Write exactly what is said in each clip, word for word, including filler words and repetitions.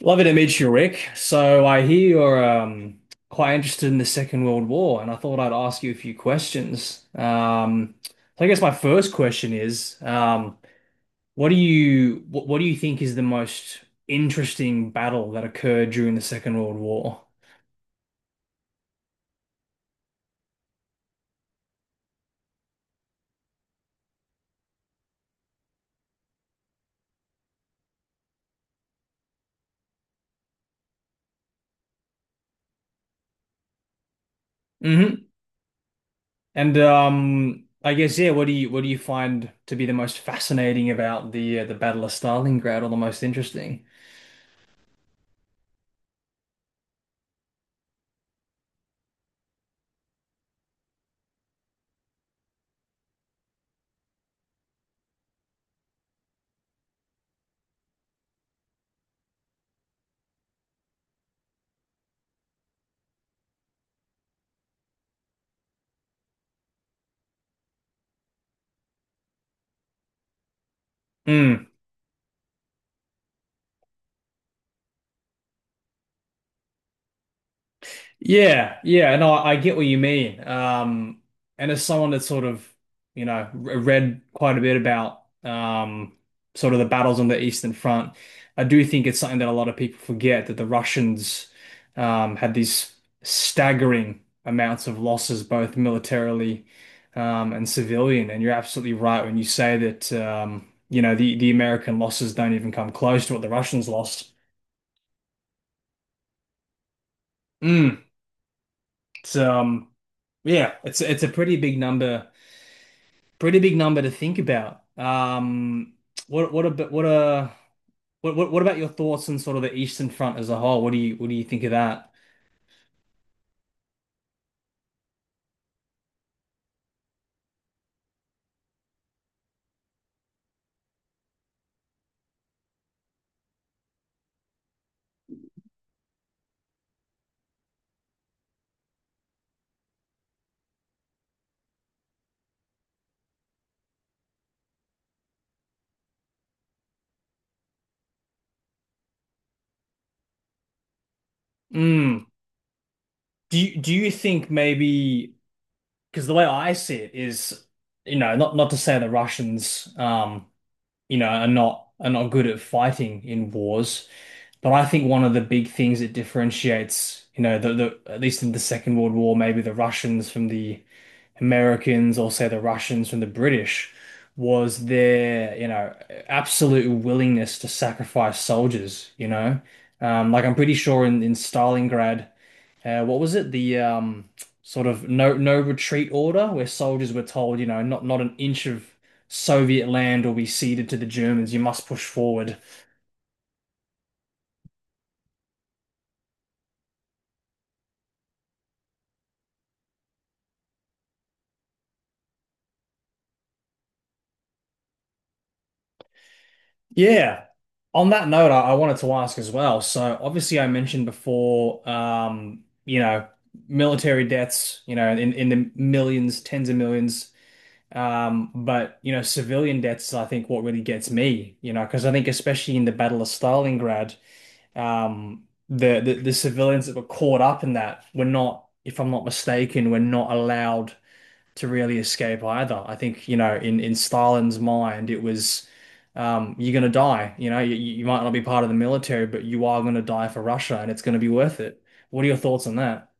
Lovely to meet you, Rick. So I hear you're um, quite interested in the Second World War, and I thought I'd ask you a few questions. Um, so I guess my first question is, um, what do you what, what do you think is the most interesting battle that occurred during the Second World War? Hmm. And um, I guess, yeah, what do you what do you find to be the most fascinating about the uh, the Battle of Stalingrad, or the most interesting? Hmm. Yeah, yeah, and I, I get what you mean. Um, and as someone that's sort of, you know, re- read quite a bit about um, sort of the battles on the Eastern Front, I do think it's something that a lot of people forget that the Russians um, had these staggering amounts of losses, both militarily um, and civilian. And you're absolutely right when you say that, um, you know, the, the American losses don't even come close to what the Russians lost. Mm. It's, um, yeah, it's it's a pretty big number. Pretty big number to think about. Um, what what about what uh what, what what about your thoughts on sort of the Eastern Front as a whole? What do you what do you think of that? Mm. Do you do you think maybe, because the way I see it is, you know, not not to say the Russians, um, you know, are not are not good at fighting in wars, but I think one of the big things that differentiates, you know, the, the at least in the Second World War, maybe the Russians from the Americans, or say the Russians from the British, was their, you know, absolute willingness to sacrifice soldiers, you know. Um, like I'm pretty sure in, in Stalingrad, uh, what was it? The, um, sort of no no retreat order where soldiers were told, you know, not not an inch of Soviet land will be ceded to the Germans. You must push forward. Yeah. On that note, I, I wanted to ask as well. So obviously I mentioned before, um, you know, military deaths, you know, in, in the millions, tens of millions. Um, but you know, civilian deaths, I think what really gets me, you know, because I think especially in the Battle of Stalingrad, um, the, the the civilians that were caught up in that were not, if I'm not mistaken, were not allowed to really escape either. I think, you know, in in Stalin's mind, it was, um, you're gonna die. You know, you, you might not be part of the military, but you are gonna die for Russia, and it's gonna be worth it. What are your thoughts on that?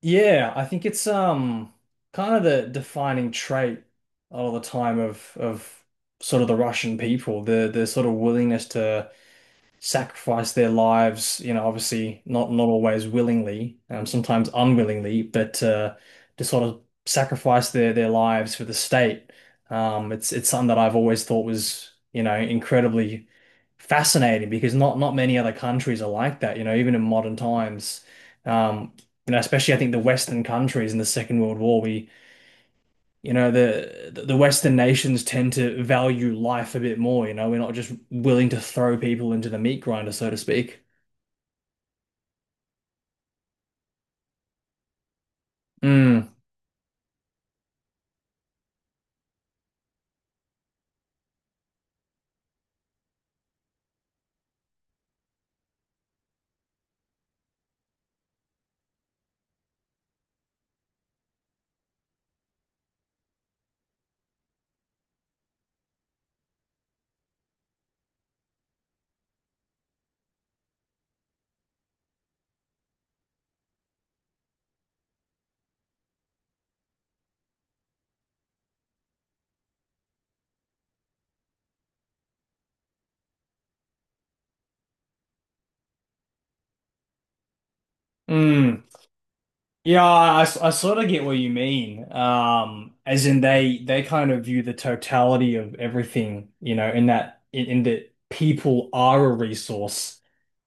Yeah, I think it's um kind of the defining trait a lot of the time of of sort of the Russian people, the the sort of willingness to sacrifice their lives, you know, obviously not not always willingly, um, sometimes unwillingly, but uh, to sort of sacrifice their their lives for the state. Um, it's it's something that I've always thought was, you know, incredibly fascinating because not not many other countries are like that, you know, even in modern times. Um, you know, especially I think the Western countries in the Second World War, we, you know, the the Western nations tend to value life a bit more, you know, we're not just willing to throw people into the meat grinder, so to speak. Mm, mm. Yeah, I, I sort of get what you mean. Um, as in they they kind of view the totality of everything, you know, in that in, in that people are a resource,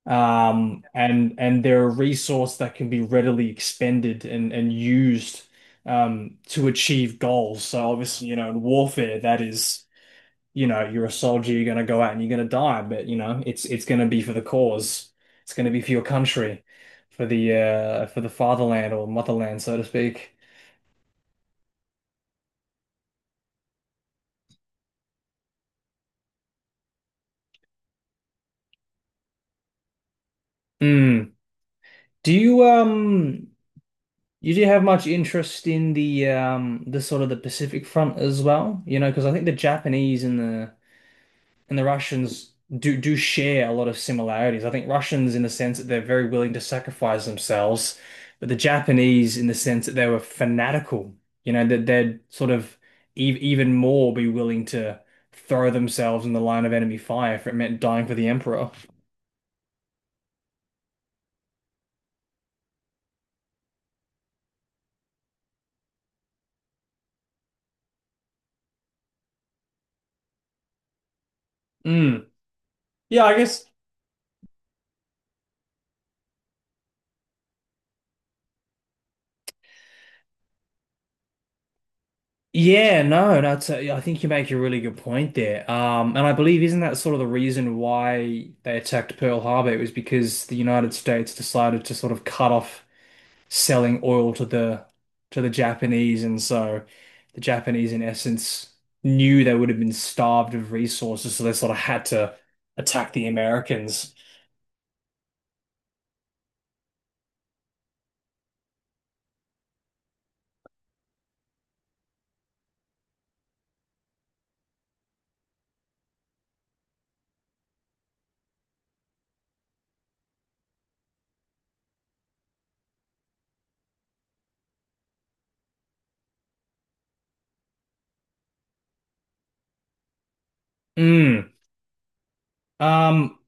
um, and and they're a resource that can be readily expended and and used, um, to achieve goals. So obviously, you know, in warfare, that is. You know, you're a soldier, you're gonna go out and you're gonna die, but you know, it's it's gonna be for the cause. It's gonna be for your country, for the uh for the fatherland or motherland, so to speak. Hmm. Do you um you do have much interest in the um the sort of the Pacific front as well? You know, because I think the Japanese and the and the Russians do do share a lot of similarities. I think Russians in the sense that they're very willing to sacrifice themselves, but the Japanese in the sense that they were fanatical, you know, that they'd sort of ev even more be willing to throw themselves in the line of enemy fire if it meant dying for the emperor. Mm. Yeah, I guess. Yeah, no, no, it's a, I think you make a really good point there. Um, and I believe isn't that sort of the reason why they attacked Pearl Harbor? It was because the United States decided to sort of cut off selling oil to the to the Japanese, and so the Japanese, in essence, knew they would have been starved of resources, so they sort of had to attack the Americans. Mm. Um,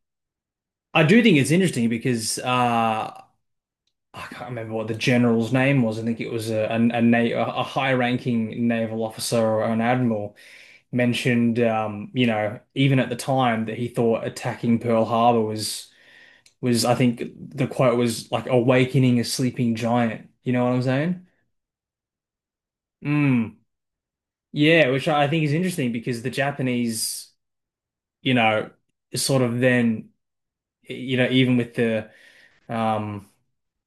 I do think it's interesting because uh, I can't remember what the general's name was. I think it was a a, a, na a high-ranking naval officer or an admiral mentioned, um, you know, even at the time that he thought attacking Pearl Harbor was was I think the quote was like awakening a sleeping giant. You know what I'm saying? Mm. Yeah, which I think is interesting because the Japanese, you know, sort of then, you know, even with the um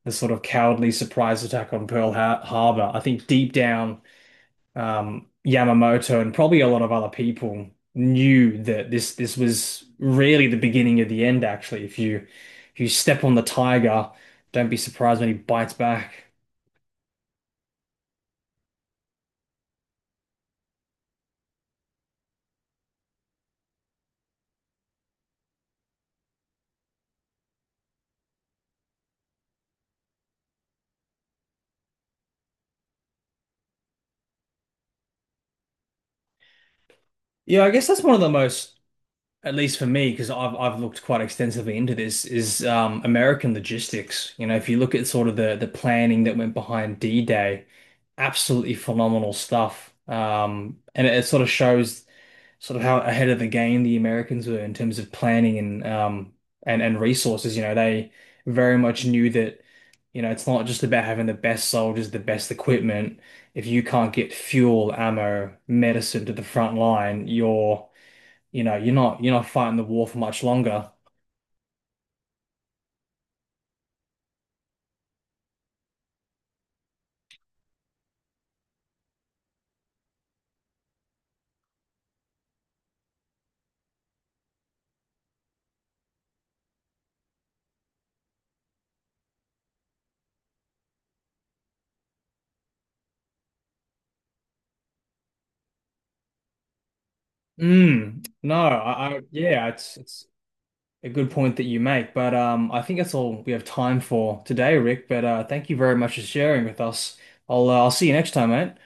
the sort of cowardly surprise attack on Pearl Har Harbor, I think deep down, um Yamamoto and probably a lot of other people knew that this this was really the beginning of the end, actually. If you, if you step on the tiger, don't be surprised when he bites back. Yeah, I guess that's one of the most, at least for me, because I've I've looked quite extensively into this, is, um, American logistics. You know, if you look at sort of the the planning that went behind D-Day, absolutely phenomenal stuff. Um, and it, it sort of shows sort of how ahead of the game the Americans were in terms of planning and um and and resources. You know, they very much knew that, you know, it's not just about having the best soldiers, the best equipment. If you can't get fuel, ammo, medicine to the front line, you're, you know, you're not you're not fighting the war for much longer. Mm, no, I, I yeah, it's it's a good point that you make, but um, I think that's all we have time for today, Rick. But uh, thank you very much for sharing with us. I'll uh, I'll see you next time, mate.